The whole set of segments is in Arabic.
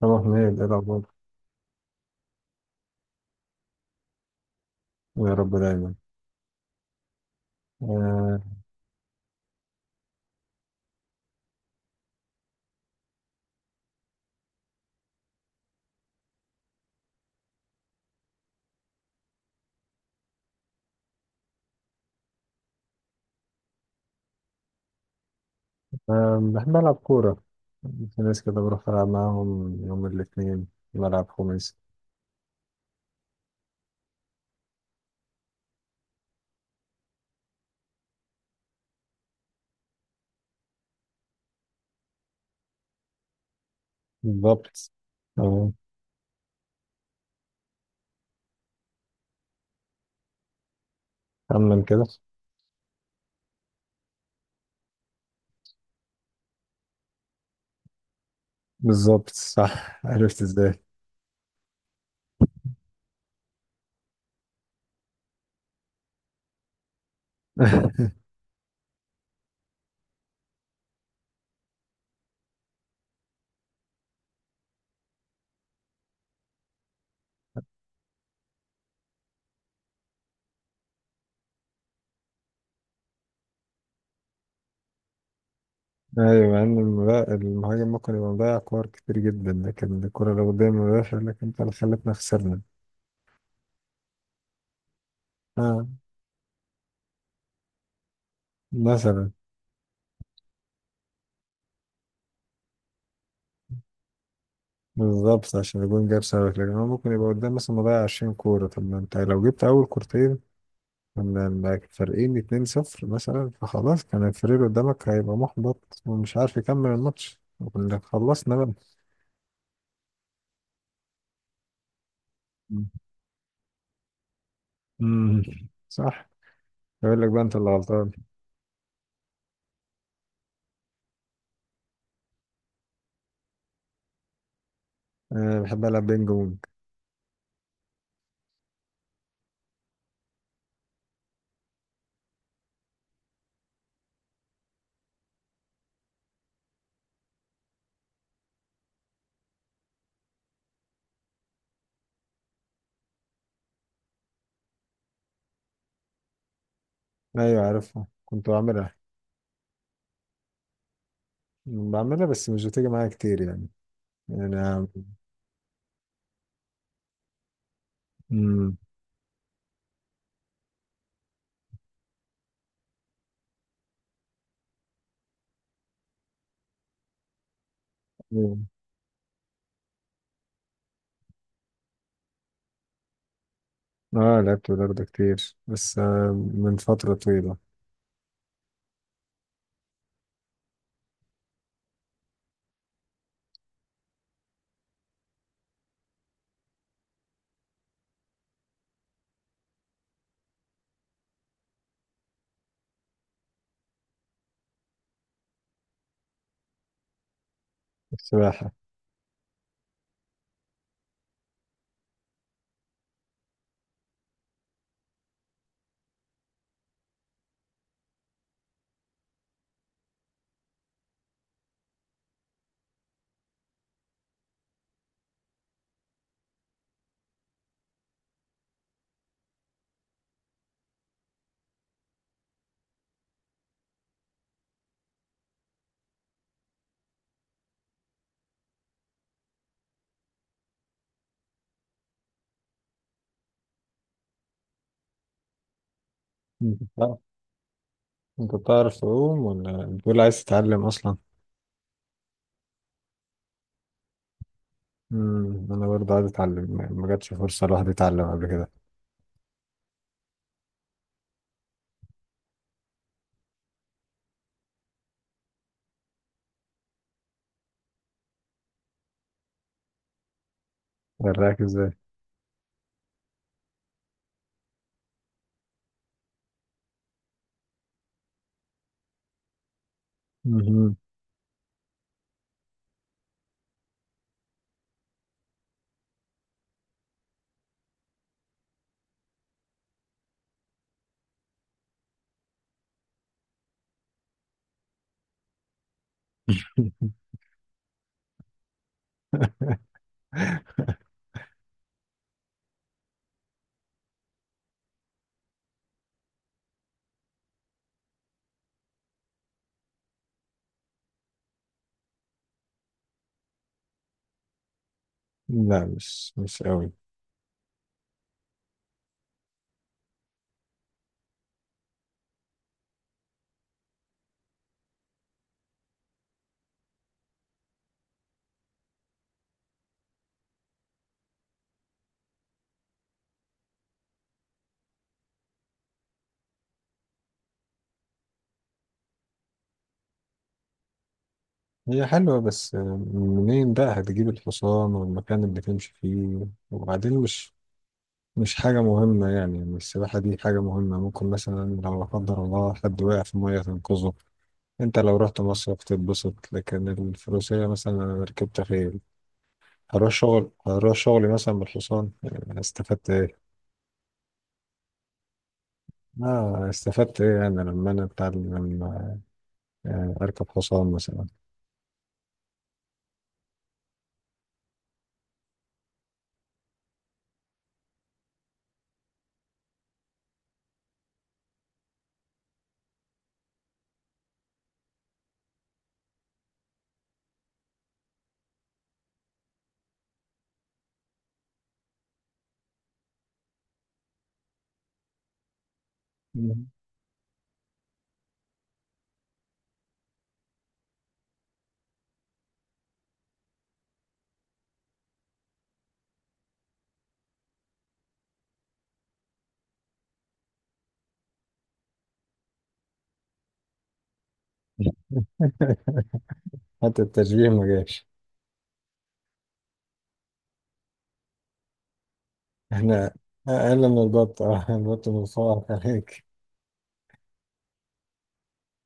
طبعا هي الأخبار. يا رب دايما. أه آه، بحب ألعب كورة. في ناس كده بروح ألعب معاهم يوم الاثنين، بلعب خميس. بالظبط، أه. خمن كده. بالظبط، صح، عرفت ازاي؟ أيوة، مع إن المهاجم ممكن يبقى مضيع كور كتير جدا، لكن الكورة لو قدام المدافع، لكن أنت اللي خلتنا خسرنا. أه، مثلا. بالظبط، عشان الجون جاب سببك، لكن هو ممكن يبقى قدام مثلا مضيع 20 كورة. طب ما أنت لو جبت أول كورتين، كنا لما فارقين 2-0 مثلا، فخلاص كان الفريق اللي قدامك هيبقى محبط ومش عارف يكمل الماتش، وكنا خلصنا بقى. امم، صح. يقول لك بقى انت اللي غلطان. انا بحب العب بينج بونج. ايوه عارفها، كنت بعملها. بعملها بس مش بتيجي معايا كتير يعني. انا. امم. اه لعبت بلياردو كتير، بس من فترة طويلة. السباحة. انت بتعرف. انت بتعرف تعوم ولا بتقول عايز تتعلم اصلا؟ امم، انا برضه عايز اتعلم يعني، ما جاتش فرصه الواحد يتعلم قبل كده. وراك ازاي؟ مهم. لا، مش مش قوي. هي حلوه بس منين بقى هتجيب الحصان والمكان اللي تمشي فيه؟ وبعدين مش، مش حاجه مهمه يعني. يعني السباحه دي حاجه مهمه، ممكن مثلا لو لا قدر الله حد وقع في ميه تنقذه. انت لو رحت مصيف تتبسط، لكن الفروسيه مثلا، انا ركبت خيل. هروح شغل، هروح شغلي مثلا بالحصان؟ يعني استفدت اه، استفدت ايه؟ انا لما انا اتعلم، لما اركب حصان مثلا. مم. حتى التشبيه ما جاش. انا اقل من البط، اه البط متفوق عليك.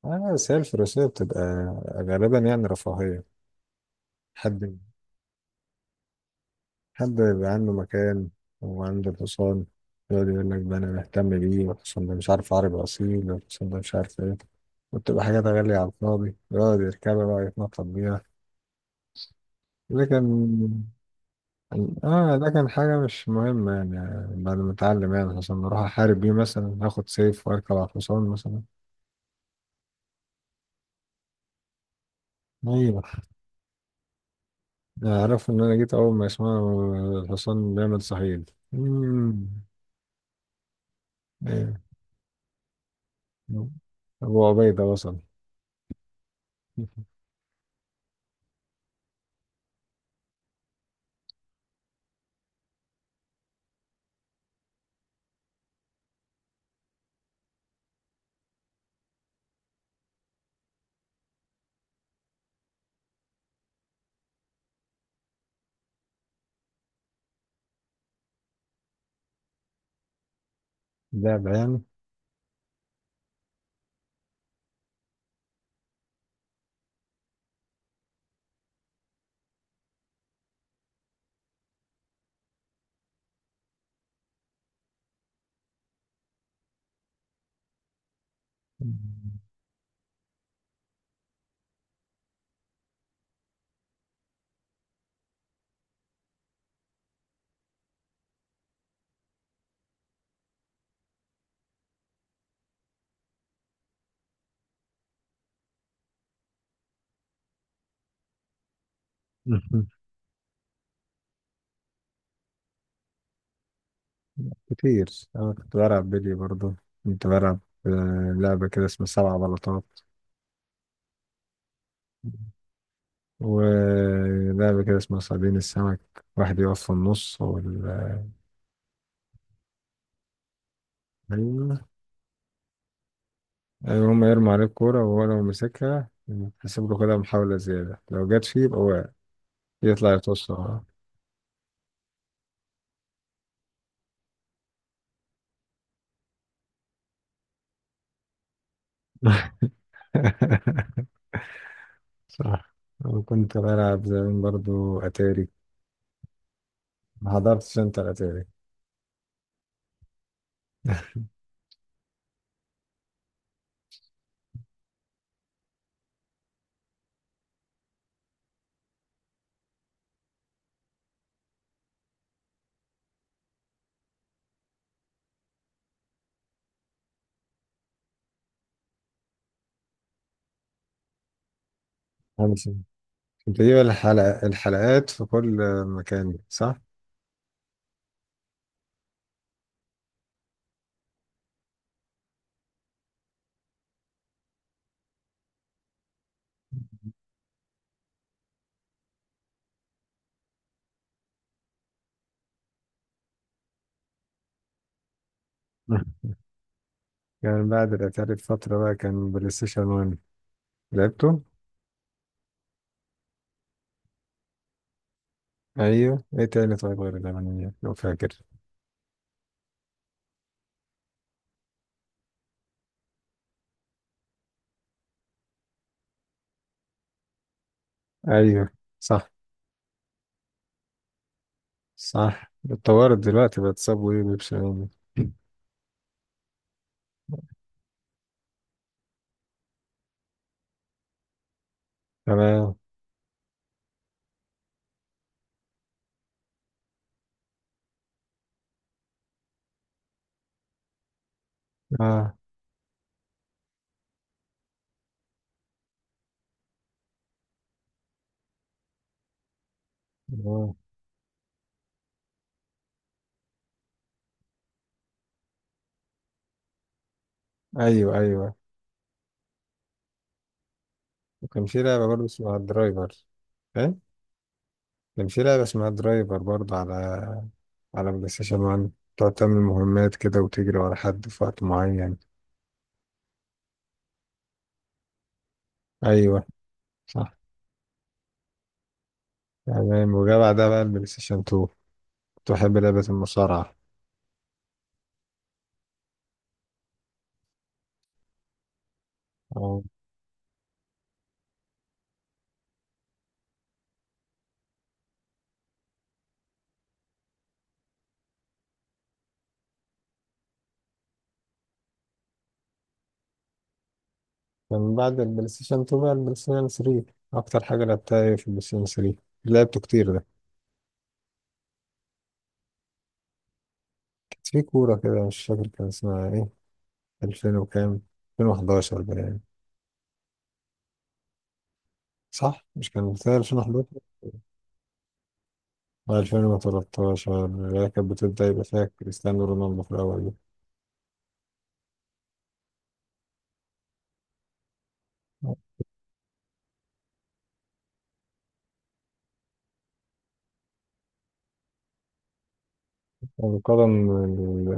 اه بس هي الفروسية بتبقى غالبا يعني رفاهية. حد، حد يبقى عنده مكان وعنده الحصان، يقعد يقول لك ده انا مهتم بيه، والحصان ده مش عارف عربي اصيل، والحصان ده مش عارف ايه. وبتبقى حاجات غالية على الفاضي يقعد يركبها بقى، يتنطط بيها. لكن اه، ده كان حاجة مش مهمة يعني. بعد ما اتعلم يعني، عشان اروح احارب بيه مثلا، هاخد سيف واركب على الحصان مثلا. ايوه. عرفوا ان انا جيت، اول ما يسمعوا الحصان بيعمل صهيل. أمم، ايوه. ابو عبيدة وصل. لعب يعني؟ مم. كتير. انا كنت بلعب بيلي برضه. كنت بلعب لعبة كده اسمها سبع بلاطات، ولعبة كده اسمها صيادين السمك. واحد يقف في النص وال... أيوه. ايوه، هما يرموا عليه الكورة وهو لو مسكها يحسب له كده محاولة زيادة، لو جت فيه يبقى واقع، يطلع يتوسع. صح. وكنت بلعب زمان برضو أتاري. ما حضرتش أنت الأتاري؟ خمسة. كنت بجيب الحلق... الحلقات في كل مكان، صح؟ كان بعد الأتاري بفترة بقى كان بلاي ستيشن 1. لعبته؟ أيوه، إيه تاني طيب غير الألمانية لو فاكر؟ أيوه، صح. صح، اتطورت دلوقتي بقت صابوي وبيبسي. تمام. اه. آه. ايوه، ايوه. وكان في لعبه برضه اسمها درايفر. فاهم. كان في لعبه اسمها درايفر برضه على، على بلاي ستيشن 1، تقعد تعمل مهمات كده وتجري ورا حد في وقت معين. ايوه، صح. تمام، وجا بعدها بقى البلاي ستيشن 2، كنت بحب لعبه المصارعه. اه. كان بعد البلاي ستيشن 2 بقى البلاي ستيشن 3. اكتر حاجه لعبتها ايه في البلاي ستيشن 3؟ لعبته كتير ده. كانت في كوره كده مش فاكر كان اسمها ايه. 2000 وكام؟ 2011 بقى يعني. صح، مش كان 2011؟ 2013، اللي هي كانت بتبدأ يبقى فيها كريستيانو رونالدو في الأول دي. القدم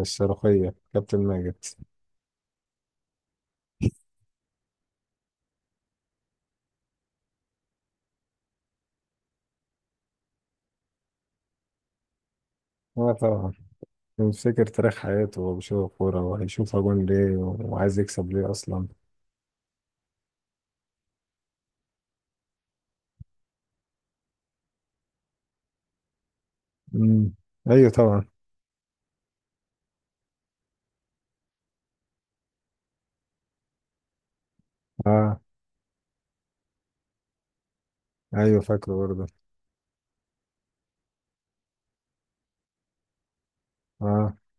الصاروخية كابتن ماجد. اه، طبعا. بيفتكر تاريخ حياته وهو بيشوف الكورة، وهيشوفها جون ليه وعايز يكسب ليه أصلا. مم. أيوه طبعا. اه. أيوه فاكره برضه. اه